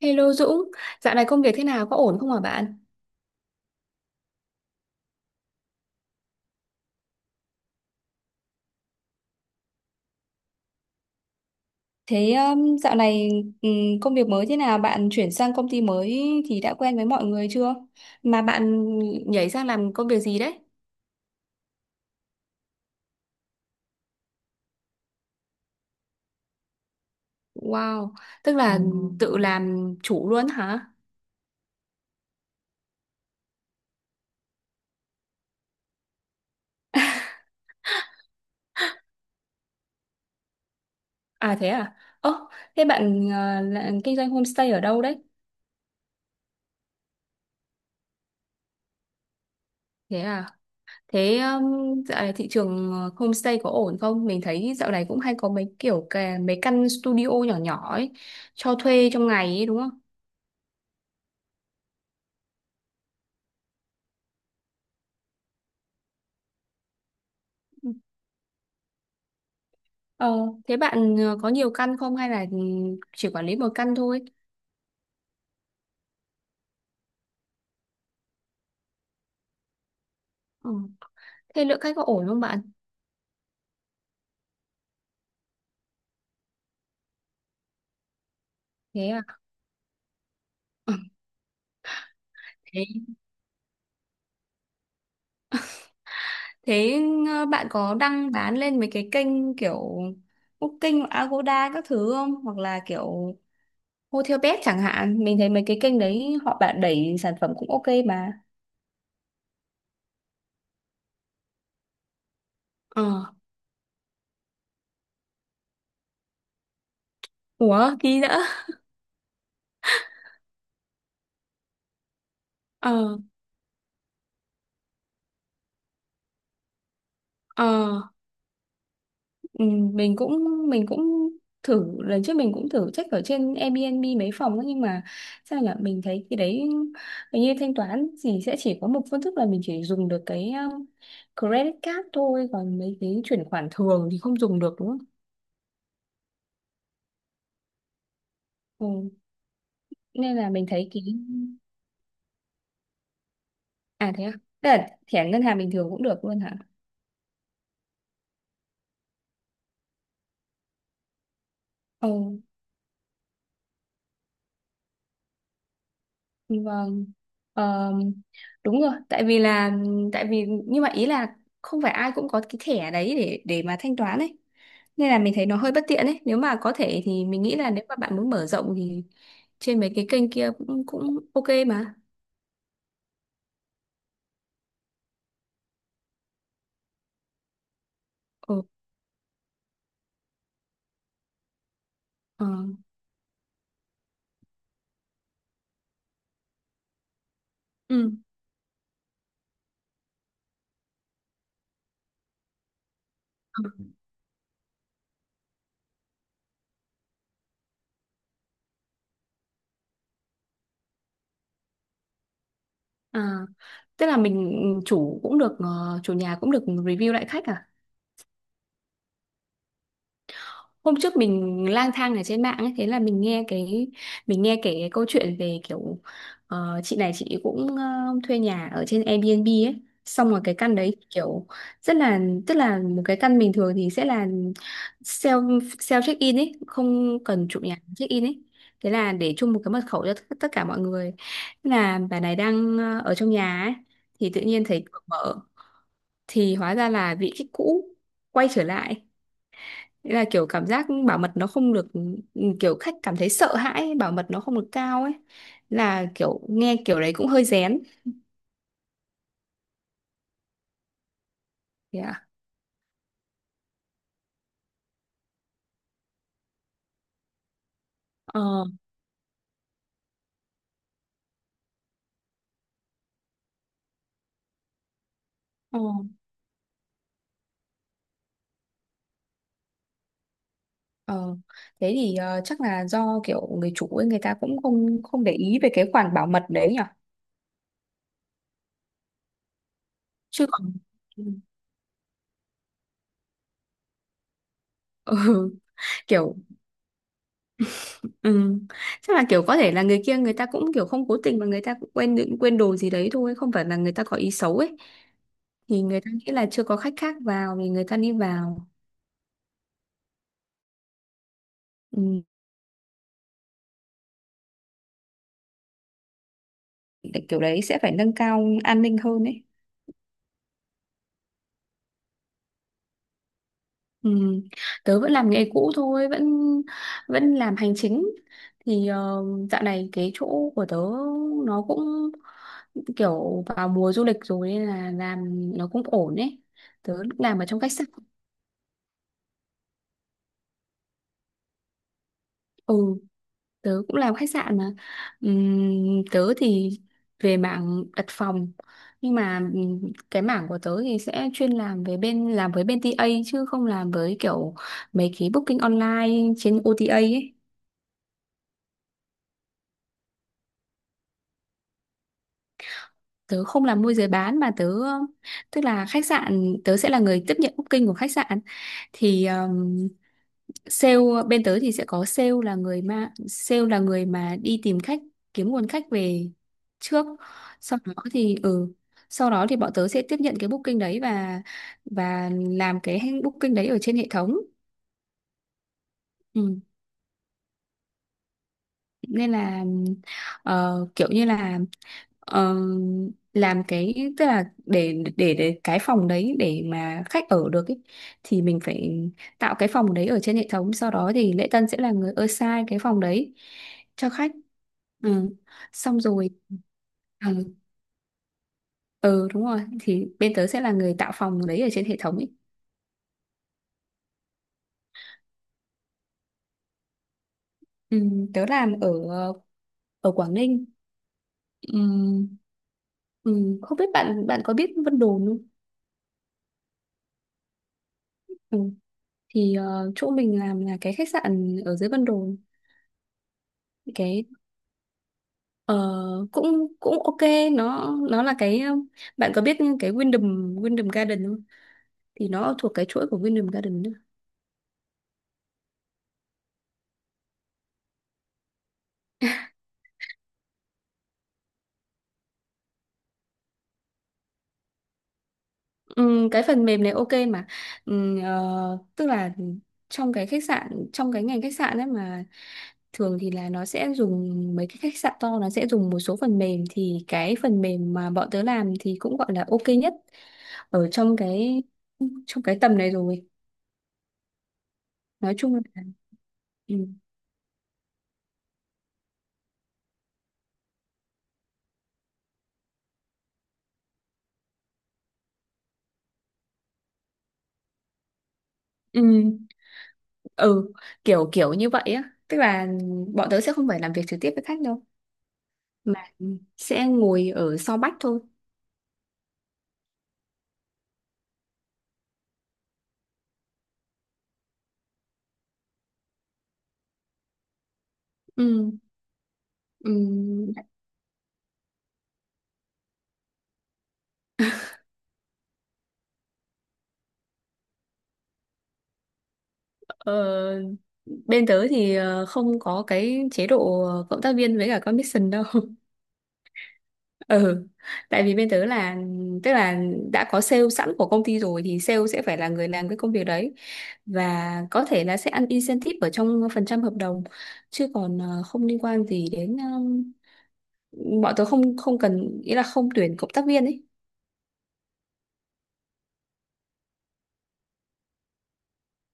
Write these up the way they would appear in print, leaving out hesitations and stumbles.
Hello Dũng, dạo này công việc thế nào, có ổn không hả bạn? Thế dạo này công việc mới thế nào? Bạn chuyển sang công ty mới thì đã quen với mọi người chưa? Mà bạn nhảy sang làm công việc gì đấy? Wow, tức, Ừ, là, Ừ, tự làm chủ luôn hả? À thế à? Ơ, thế bạn là, kinh doanh homestay ở đâu đấy? Thế à? Thế dạo này thị trường homestay có ổn không? Mình thấy dạo này cũng hay có mấy kiểu cái, mấy căn studio nhỏ nhỏ ấy, cho thuê trong ngày ấy đúng không? Ờ, thế bạn có nhiều căn không hay là chỉ quản lý một căn thôi? Ờ. Thế lượng khách có ổn không bạn? Thế à? Ờ, Thế, thế, bạn có đăng bán lên mấy cái kênh kiểu Booking, Agoda các thứ không? Hoặc là kiểu Hotelbed chẳng hạn. Mình thấy mấy cái kênh đấy họ bạn đẩy sản phẩm cũng ok mà. Ờ, ủa, ký nữa. Ờ, ờ. Ừ, mình cũng mình cũng thử lần trước mình cũng thử check ở trên Airbnb mấy phòng ấy, nhưng mà sao nhỉ mình thấy cái đấy hình như thanh toán thì sẽ chỉ có một phương thức là mình chỉ dùng được cái credit card thôi, còn mấy cái chuyển khoản thường thì không dùng được đúng không? Ừ. Nên là mình thấy cái, à thế à? Tức là thẻ ngân hàng bình thường cũng được luôn hả? Ừ, vâng. Ờ, đúng rồi, tại vì là, tại vì nhưng mà ý là không phải ai cũng có cái thẻ đấy để mà thanh toán ấy, nên là mình thấy nó hơi bất tiện ấy. Nếu mà có thể thì mình nghĩ là nếu mà bạn muốn mở rộng thì trên mấy cái kênh kia cũng cũng ok mà. Ừ, ờ, ừ. À, tức là mình chủ cũng được, chủ nhà cũng được review lại khách à? Hôm trước mình lang thang ở trên mạng ấy, thế là mình nghe kể cái câu chuyện về kiểu, chị này chị cũng, thuê nhà ở trên Airbnb ấy, xong rồi cái căn đấy kiểu rất là, tức là một cái căn bình thường thì sẽ là self self check in ấy, không cần chủ nhà check in ấy, thế là để chung một cái mật khẩu cho tất tất cả mọi người. Thế là bà này đang, ở trong nhà ấy thì tự nhiên thấy cửa mở, thì hóa ra là vị khách cũ quay trở lại. Nghĩa là kiểu cảm giác bảo mật nó không được, ừ, kiểu khách cảm thấy sợ hãi ấy, bảo mật nó không được cao ấy, là kiểu nghe kiểu đấy cũng hơi rén. Thế à? Ờ, ờ, ờ. Thế thì chắc là do kiểu người chủ ấy, người ta cũng không không để ý về cái khoản bảo mật đấy nhỉ? Chứ còn ừ, kiểu. Ừ. Chắc là kiểu có thể là người kia người ta cũng kiểu không cố tình, mà người ta cũng quên quên đồ gì đấy thôi, không phải là người ta có ý xấu ấy, thì người ta nghĩ là chưa có khách khác vào thì người ta đi vào. Ừ. Kiểu đấy sẽ phải nâng cao an ninh hơn ấy. Ừ. Tớ vẫn làm nghề cũ thôi, vẫn vẫn làm hành chính. Thì dạo này cái chỗ của tớ nó cũng kiểu vào mùa du lịch rồi, nên là làm nó cũng ổn ấy. Tớ làm ở trong khách sạn. Ừ, tớ cũng làm khách sạn mà. Tớ thì về mảng đặt phòng, nhưng mà cái mảng của tớ thì sẽ chuyên làm về bên, làm với bên tê A, chứ không làm với kiểu mấy cái booking online trên OTA ấy. Tớ không làm môi giới bán, mà tớ tức là khách sạn tớ sẽ là người tiếp nhận booking của khách sạn. Thì sale bên tớ thì sẽ có sale là người mà, đi tìm khách, kiếm nguồn khách về trước, sau đó thì ừ sau đó thì bọn tớ sẽ tiếp nhận cái booking đấy, và làm cái booking đấy ở trên hệ thống. Ừ. Nên là kiểu như là, ờ, làm cái tức là để cái phòng đấy để mà khách ở được ý, thì mình phải tạo cái phòng đấy ở trên hệ thống, sau đó thì lễ tân sẽ là người assign cái phòng đấy cho khách. Ừ. Xong rồi, ừ. Ừ đúng rồi, thì bên tớ sẽ là người tạo phòng đấy ở trên hệ thống ý. Ừ, tớ làm ở ở Quảng Ninh. Ừ, ừ, không biết bạn bạn có biết Vân Đồn không? Ừ. Thì chỗ mình làm là cái khách sạn ở dưới Vân Đồn. Cái ờ, cũng cũng ok, nó là cái, bạn có biết cái Wyndham Wyndham Garden không? Thì nó thuộc cái chuỗi của Wyndham Garden nữa. Cái phần mềm này ok mà. Ờ, tức là trong cái khách sạn, trong cái ngành khách sạn ấy mà, thường thì là nó sẽ dùng, mấy cái khách sạn to nó sẽ dùng một số phần mềm, thì cái phần mềm mà bọn tớ làm thì cũng gọi là ok nhất ở trong cái tầm này rồi. Nói chung là, ừ, ừ, ừ, kiểu kiểu như vậy á. Tức là bọn tớ sẽ không phải làm việc trực tiếp với khách đâu, mà sẽ ngồi ở sau bách thôi. Ừ, ừ, ờ, bên tớ thì không có cái chế độ cộng tác viên với cả commission đâu. Ừ, tại vì bên tớ là, tức là đã có sale sẵn của công ty rồi, thì sale sẽ phải là người làm cái công việc đấy, và có thể là sẽ ăn incentive ở trong phần trăm hợp đồng, chứ còn không liên quan gì đến, bọn tớ không không cần, ý là không tuyển cộng tác viên ấy.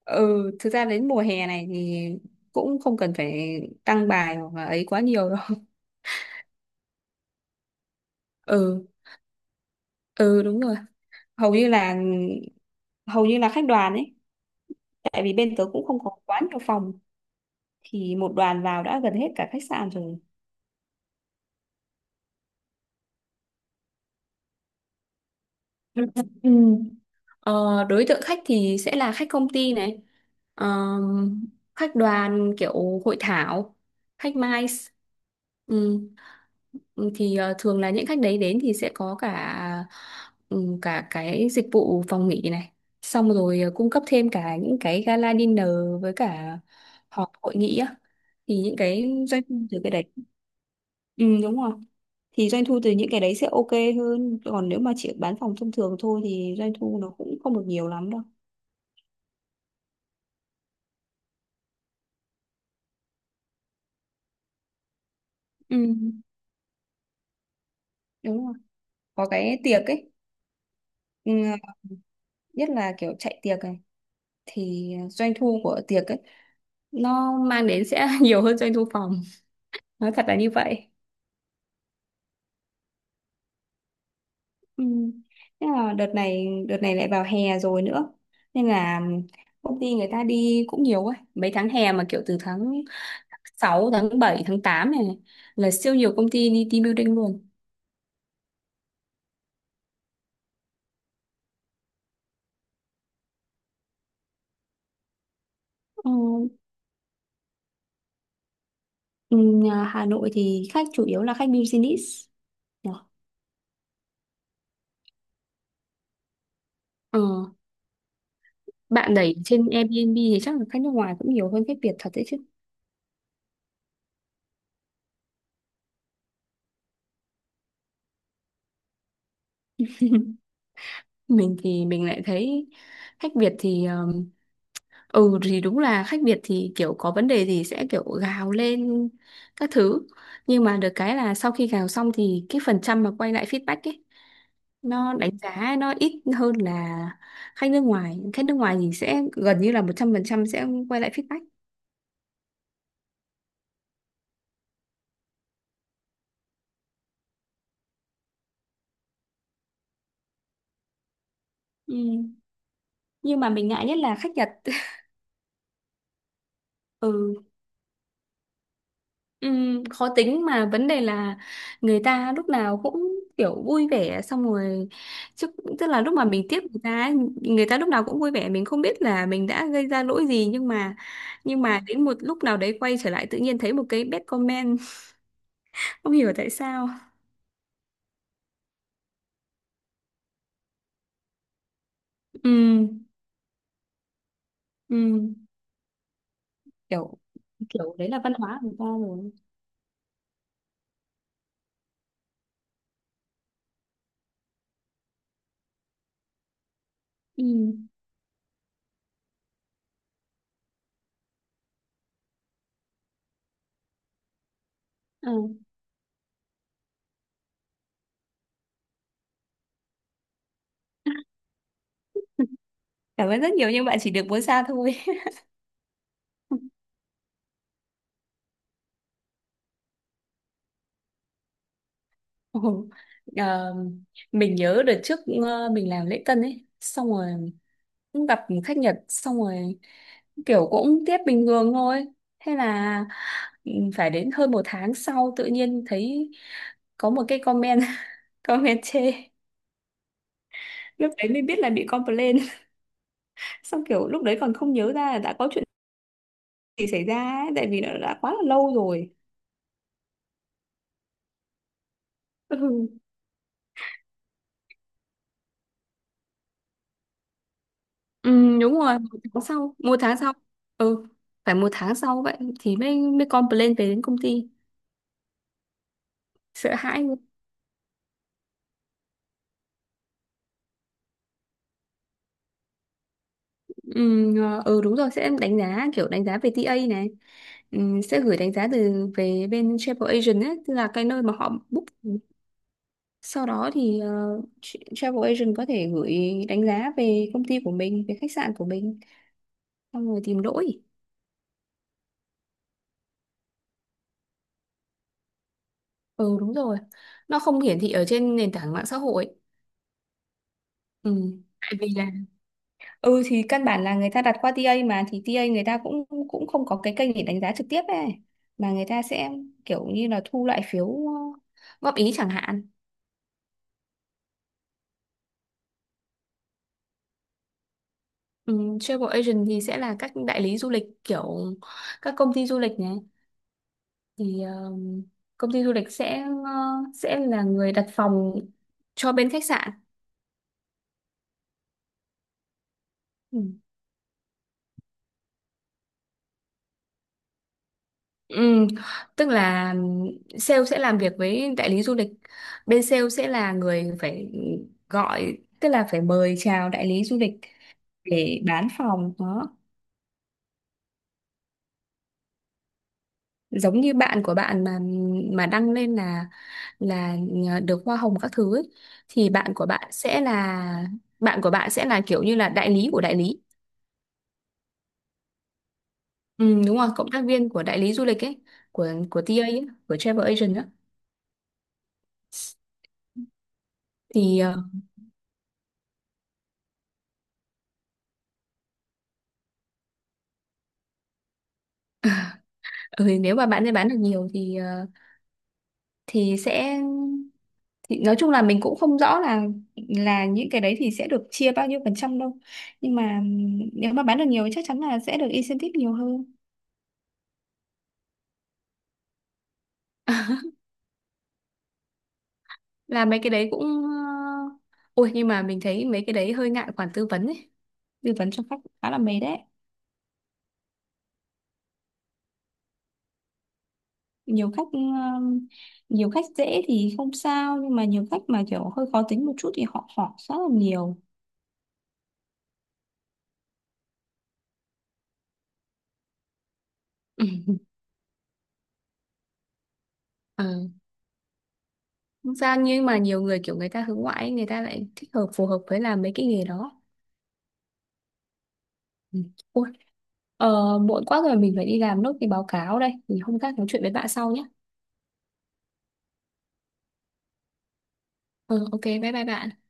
Ừ, thực ra đến mùa hè này thì cũng không cần phải tăng bài hoặc là ấy quá nhiều đâu. Ừ. Ừ đúng rồi, hầu như là hầu như là khách đoàn ấy, tại vì bên tớ cũng không có quá nhiều phòng, thì một đoàn vào đã gần hết cả khách sạn rồi. Ừ. Ừ. Ờ, đối tượng khách thì sẽ là khách công ty này, Ờm, khách đoàn kiểu hội thảo, khách MICE. Ừ. Ừ, thì thường là những khách đấy đến thì sẽ có cả, ừ, cả cái dịch vụ phòng nghỉ này, xong rồi cung cấp thêm cả những cái gala dinner với cả họp hội nghị á. Thì những cái doanh thu từ cái đấy, ừ đúng rồi, thì doanh thu từ những cái đấy sẽ ok hơn. Còn nếu mà chỉ bán phòng thông thường thôi thì doanh thu nó cũng không được nhiều lắm đâu. Ừ. Đúng rồi. Có cái tiệc ấy, ừ, nhất là kiểu chạy tiệc này thì doanh thu của tiệc ấy nó mang đến sẽ nhiều hơn doanh thu phòng. Nói thật là như vậy. Ừ. Thế là đợt này lại vào hè rồi nữa, nên là công ty người ta đi cũng nhiều ấy. Mấy tháng hè mà kiểu từ tháng 6, tháng 7, tháng 8 này này, là siêu nhiều công ty đi team building luôn. Ờ, ừ, nhà Hà Nội thì khách chủ yếu là khách business nhỉ? Ờ, bạn đẩy trên Airbnb thì chắc là khách nước ngoài cũng nhiều hơn khách Việt thật đấy chứ. Mình thì mình lại thấy khách Việt thì, ừ thì đúng là khách Việt thì kiểu có vấn đề thì sẽ kiểu gào lên các thứ, nhưng mà được cái là sau khi gào xong thì cái phần trăm mà quay lại feedback ấy, nó đánh giá nó ít hơn là khách nước ngoài. Khách nước ngoài thì sẽ gần như là 100% sẽ quay lại feedback. Ừ. Nhưng mà mình ngại nhất là khách Nhật. Ừ. Khó tính, mà vấn đề là người ta lúc nào cũng kiểu vui vẻ, xong rồi chứ, tức là lúc mà mình tiếp người ta ấy, người ta lúc nào cũng vui vẻ, mình không biết là mình đã gây ra lỗi gì. Nhưng mà đến một lúc nào đấy quay trở lại tự nhiên thấy một cái bad comment. Không hiểu tại sao. Ừm, ừm, kiểu kiểu đấy là văn hóa của người ta rồi. Ừm, ờ. Cảm ơn rất nhiều nhưng bạn chỉ được 4 sao thôi. Ồ, ờ, mình nhớ đợt trước, mình làm lễ tân ấy, xong rồi cũng gặp khách Nhật, xong rồi kiểu cũng tiếp bình thường thôi. Thế là, ừ, phải đến hơn một tháng sau tự nhiên thấy có một cái comment. Comment chê. Lúc đấy mới biết là bị complain. Xong kiểu lúc đấy còn không nhớ ra là đã có chuyện gì xảy ra ấy, tại vì nó đã quá là lâu rồi. Ừ. Ừ, đúng rồi, một tháng sau, một tháng sau, ừ, phải một tháng sau vậy thì mới mới complain về đến công ty. Sợ hãi. Ừ, ừ đúng rồi, sẽ đánh giá kiểu đánh giá về TA này, ừ, sẽ gửi đánh giá từ về bên travel agent ấy, tức là cái nơi mà họ book. Sau đó thì travel agent có thể gửi đánh giá về công ty của mình, về khách sạn của mình, xong rồi tìm lỗi. Ừ đúng rồi, nó không hiển thị ở trên nền tảng mạng xã hội. Ừ. Tại vì là, ừ thì căn bản là người ta đặt qua TA mà, thì TA người ta cũng cũng không có cái kênh để đánh giá trực tiếp ấy, mà người ta sẽ kiểu như là thu lại phiếu, góp ý chẳng hạn. Ừ, travel agent thì sẽ là các đại lý du lịch, kiểu các công ty du lịch này, thì công ty du lịch sẽ, là người đặt phòng cho bên khách sạn. Ừ. Ừ, tức là sale sẽ làm việc với đại lý du lịch. Bên sale sẽ là người phải gọi, tức là phải mời chào đại lý du lịch để bán phòng đó. Giống như bạn của bạn mà, đăng lên là, là được hoa hồng các thứ ấy, thì bạn của bạn sẽ là, kiểu như là đại lý của đại lý. Ừ, đúng rồi, cộng tác viên của đại lý du lịch ấy, của TA ấy, của travel agent á. Thì ừ, nếu mà bạn ấy bán được nhiều thì, thì sẽ, thì nói chung là mình cũng không rõ là, những cái đấy thì sẽ được chia bao nhiêu phần trăm đâu, nhưng mà nếu mà bán được nhiều thì chắc chắn là sẽ được incentive nhiều hơn. Là mấy cái đấy cũng, ôi nhưng mà mình thấy mấy cái đấy hơi ngại khoản tư vấn ấy, tư vấn cho khách cũng khá là mệt đấy. Nhiều khách, ừ, nhiều khách dễ thì không sao, nhưng mà nhiều khách mà kiểu hơi khó tính một chút thì họ hỏi rất là nhiều. Ừ. Không sao, nhưng mà nhiều người kiểu người ta hướng ngoại ấy, người ta lại thích hợp, phù hợp với làm mấy cái nghề đó. Ừ. Ôi, muộn quá rồi, mình phải đi làm nốt cái báo cáo đây, thì hôm khác nói chuyện với bạn sau nhé. Ừ, ok bye bye bạn.